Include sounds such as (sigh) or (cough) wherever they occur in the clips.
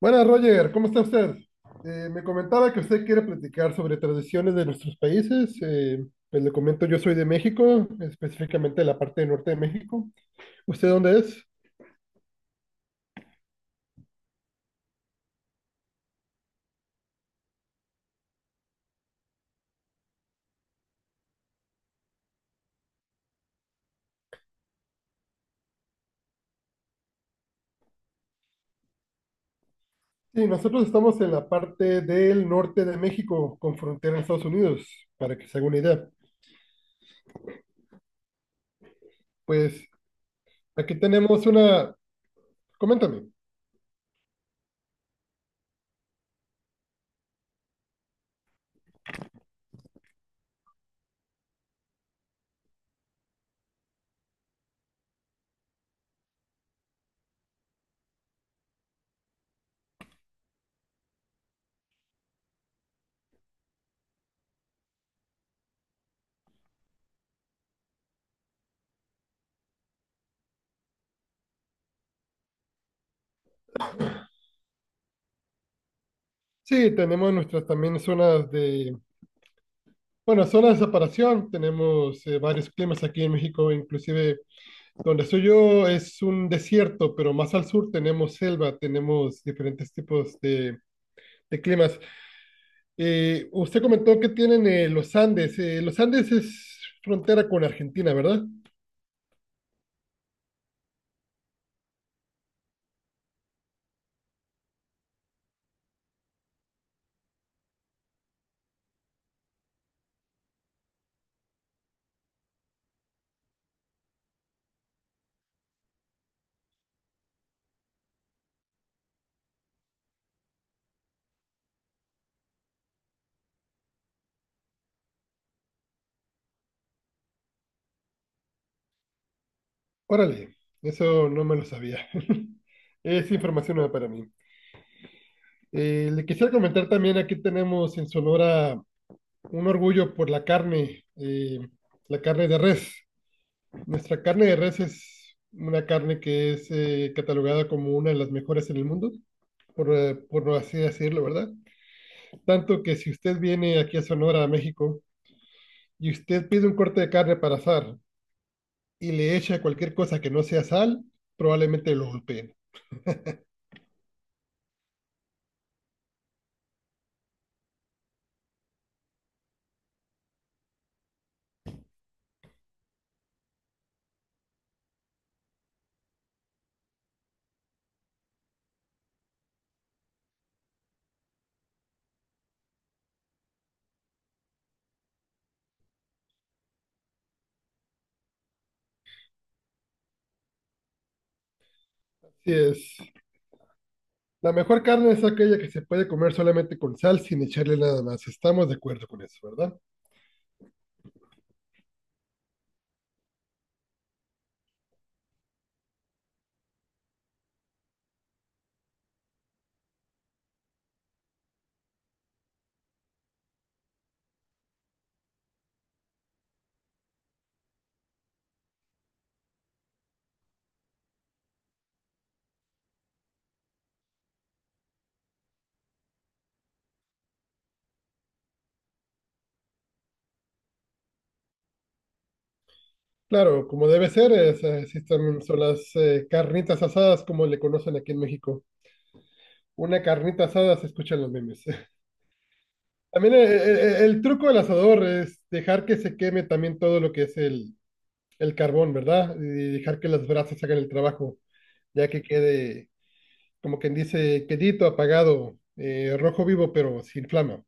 Buenas, Roger, ¿cómo está usted? Me comentaba que usted quiere platicar sobre tradiciones de nuestros países. Pues le comento, yo soy de México, específicamente de la parte norte de México. ¿Usted dónde es? Sí, nosotros estamos en la parte del norte de México, con frontera a Estados Unidos, para que se haga una idea. Pues aquí tenemos una, coméntame. Sí, tenemos nuestras también zonas de, bueno, zonas de separación. Tenemos varios climas aquí en México, inclusive donde estoy yo es un desierto, pero más al sur tenemos selva, tenemos diferentes tipos de climas. Usted comentó que tienen los Andes. Los Andes es frontera con Argentina, ¿verdad? Órale, eso no me lo sabía. (laughs) Es información nueva para mí. Le quisiera comentar también, aquí tenemos en Sonora un orgullo por la carne de res. Nuestra carne de res es una carne que es catalogada como una de las mejores en el mundo, por así decirlo, ¿verdad? Tanto que si usted viene aquí a Sonora, a México, y usted pide un corte de carne para asar y le echa cualquier cosa que no sea sal, probablemente lo golpeen. Así es. La mejor carne es aquella que se puede comer solamente con sal sin echarle nada más. Estamos de acuerdo con eso, ¿verdad? Claro, como debe ser, es, sí son las carnitas asadas, como le conocen aquí en México. Una carnita asada se escucha en los memes. (laughs) También el, truco del asador es dejar que se queme también todo lo que es el carbón, ¿verdad? Y dejar que las brasas hagan el trabajo, ya que quede, como quien dice, quedito, apagado, rojo vivo, pero sin flama.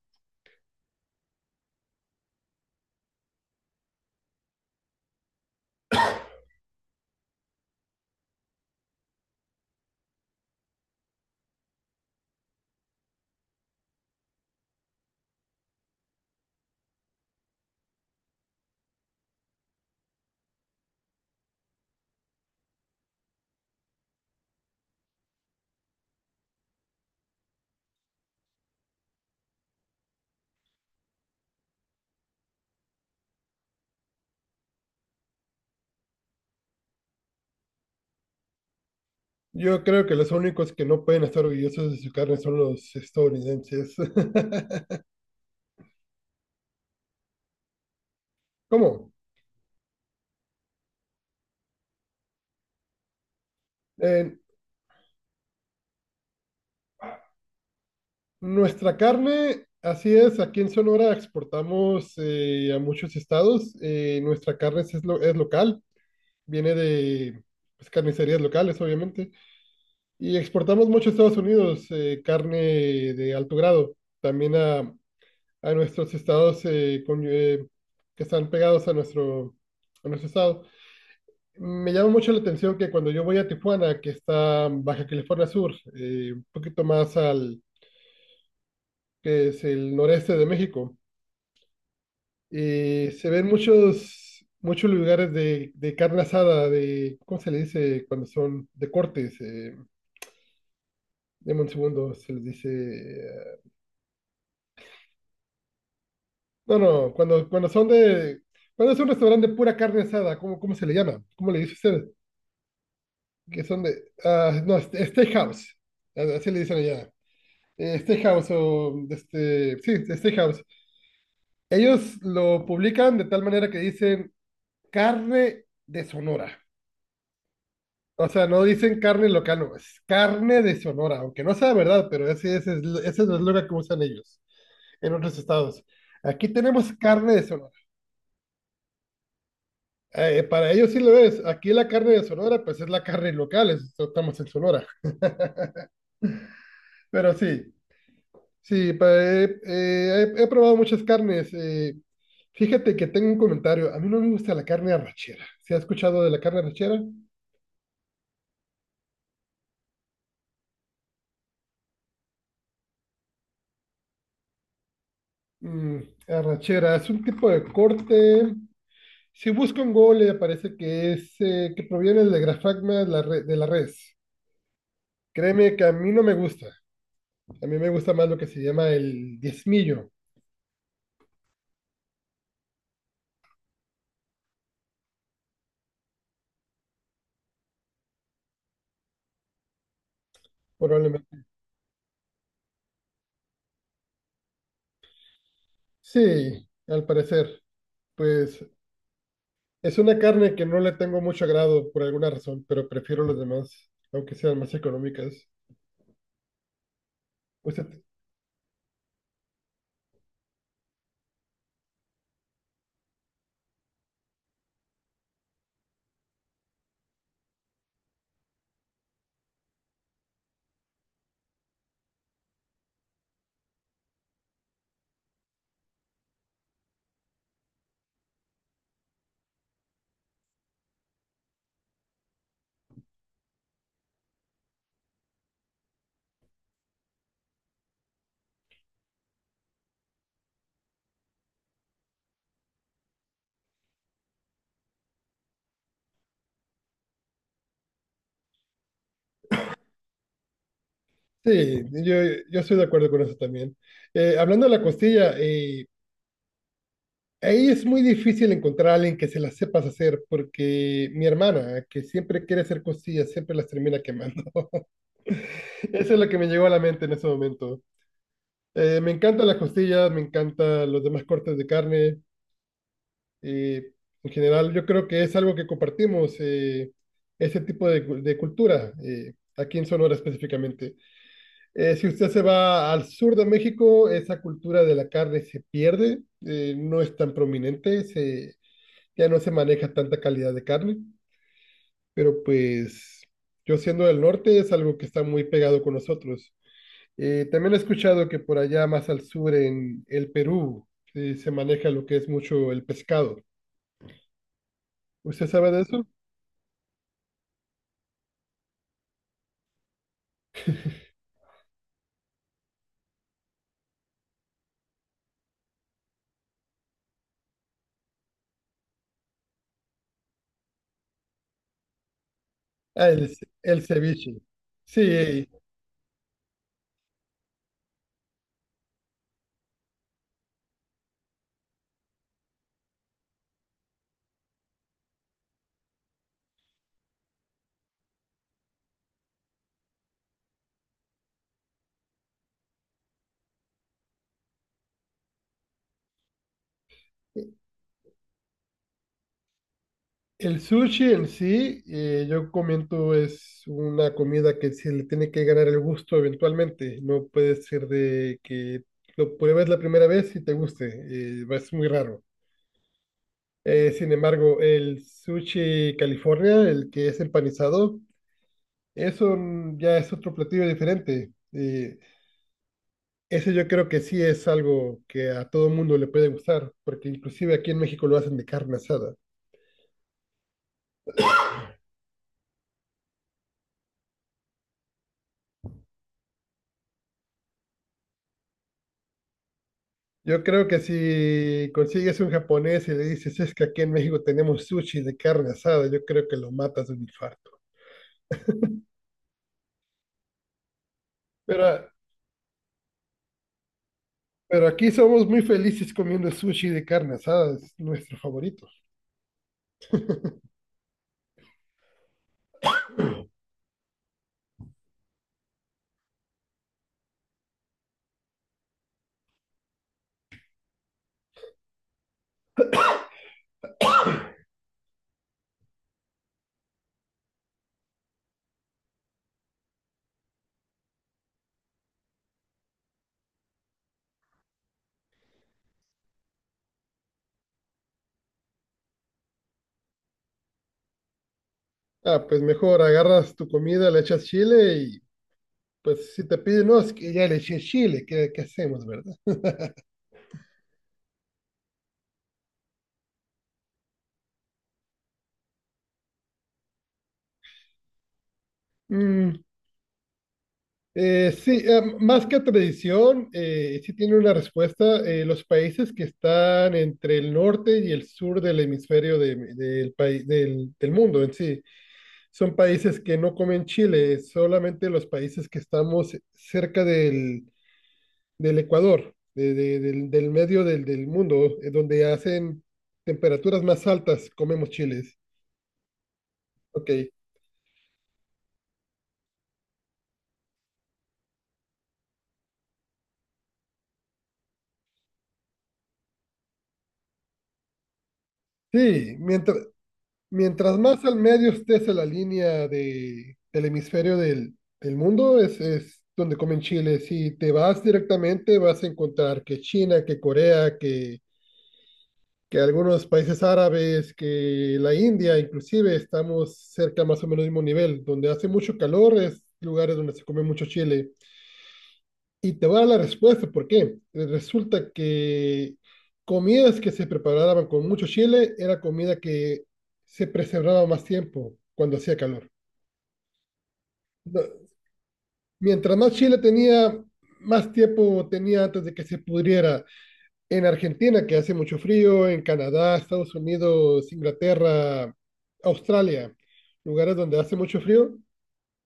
Yo creo que los únicos que no pueden estar orgullosos de su carne son los estadounidenses. (laughs) ¿Cómo? Eh, Nuestra carne, así es, aquí en Sonora exportamos a muchos estados. Nuestra carne es, lo- es local, viene de pues, carnicerías locales, obviamente. Y exportamos mucho a Estados Unidos carne de alto grado, también a nuestros estados con- que están pegados a nuestro estado. Me llama mucho la atención que cuando yo voy a Tijuana, que está en Baja California Sur, un poquito más al que es el noreste de México, se ven muchos lugares de carne asada, de, ¿cómo se le dice cuando son de cortes? Deme un segundo, se les dice no, no, cuando, cuando son de... Cuando es un restaurante de pura carne asada, ¿cómo, cómo se le llama? ¿Cómo le dice usted? Que son de... ah, no, steakhouse, a- así le dicen allá. Steakhouse o... Este, sí, steakhouse. Ellos lo publican de tal manera que dicen carne de Sonora. O sea, no dicen carne local, no, es carne de Sonora, aunque no sea verdad, pero ese es el eslogan que usan ellos en otros estados. Aquí tenemos carne de Sonora. Para ellos sí lo es. Aquí la carne de Sonora, pues es la carne local, es- estamos en Sonora. (laughs) Pero sí, sí, pa- he probado muchas carnes. Fíjate que tengo un comentario. A mí no me gusta la carne arrachera. ¿Se ha escuchado de la carne arrachera? Mm, arrachera es un tipo de corte. Si busco en Google le aparece que es que proviene del grafagma de la, re- de la res. Créeme que a mí no me gusta. A mí me gusta más lo que se llama el diezmillo, probablemente. Sí, al parecer. Pues es una carne que no le tengo mucho agrado por alguna razón, pero prefiero los demás, aunque sean más económicas. Usted- sí, yo estoy de acuerdo con eso también. Hablando de la costilla, ahí es muy difícil encontrar a alguien que se las sepas hacer, porque mi hermana, que siempre quiere hacer costillas, siempre las termina quemando. (laughs) Eso es lo que me llegó a la mente en ese momento. Me encantan las costillas, me encantan los demás cortes de carne. eh, en general, yo creo que es algo que compartimos, ese tipo de, cu- de cultura, aquí en Sonora específicamente. Si usted se va al sur de México, esa cultura de la carne se pierde, no es tan prominente, se ya no se maneja tanta calidad de carne, pero pues yo siendo del norte es algo que está muy pegado con nosotros. También he escuchado que por allá más al sur en el Perú se maneja lo que es mucho el pescado. ¿Usted sabe de eso? Ah, el, ce- el ceviche. Sí, el sushi en sí, yo comento es una comida que se le tiene que ganar el gusto eventualmente. No puede ser de que lo pruebes la primera vez y te guste. Es muy raro. Sin embargo, el sushi California, el que es empanizado, eso ya es otro platillo diferente. Ese yo creo que sí es algo que a todo mundo le puede gustar, porque inclusive aquí en México lo hacen de carne asada. Yo creo que si consigues un japonés y le dices, es que aquí en México tenemos sushi de carne asada, yo creo que lo matas de un infarto. Pero, a- pero aquí somos muy felices comiendo sushi de carne asada, es nuestro favorito. Ah, pues mejor agarras tu comida, le echas chile. Pues si te piden, no, es que ya le eché chile, ¿qué, qué hacemos, verdad? Mm, sí, más que tradición, sí tiene una respuesta. Los países que están entre el norte y el sur del hemisferio de- del, país- del, del mundo en sí, son países que no comen chile, solamente los países que estamos cerca del, del Ecuador, de- del, del medio del, del mundo, donde hacen temperaturas más altas, comemos chiles. Ok. Sí, mientras, mientras más al medio estés en la línea de, del hemisferio del, del mundo, es donde comen chile. Si te vas directamente, vas a encontrar que China, que Corea, que algunos países árabes, que la India, inclusive, estamos cerca más o menos del mismo nivel. Donde hace mucho calor es lugares donde se come mucho chile. Y te voy a dar la respuesta, ¿por qué? Resulta que comidas que se preparaban con mucho chile era comida que se preservaba más tiempo cuando hacía calor. No, mientras más chile tenía, más tiempo tenía antes de que se pudriera. En Argentina, que hace mucho frío, en Canadá, Estados Unidos, Inglaterra, Australia, lugares donde hace mucho frío,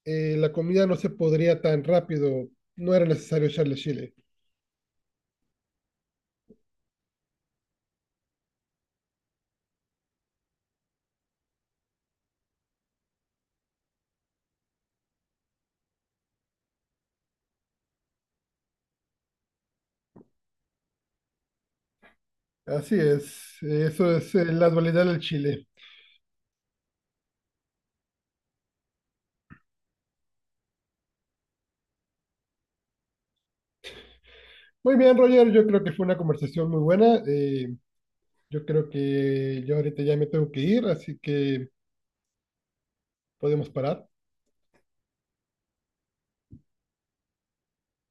la comida no se podría tan rápido, no era necesario echarle chile. Así es, eso es la dualidad del Chile. Muy bien, Roger, yo creo que fue una conversación muy buena. Yo creo que yo ahorita ya me tengo que ir, así que podemos parar.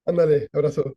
Ándale, abrazo.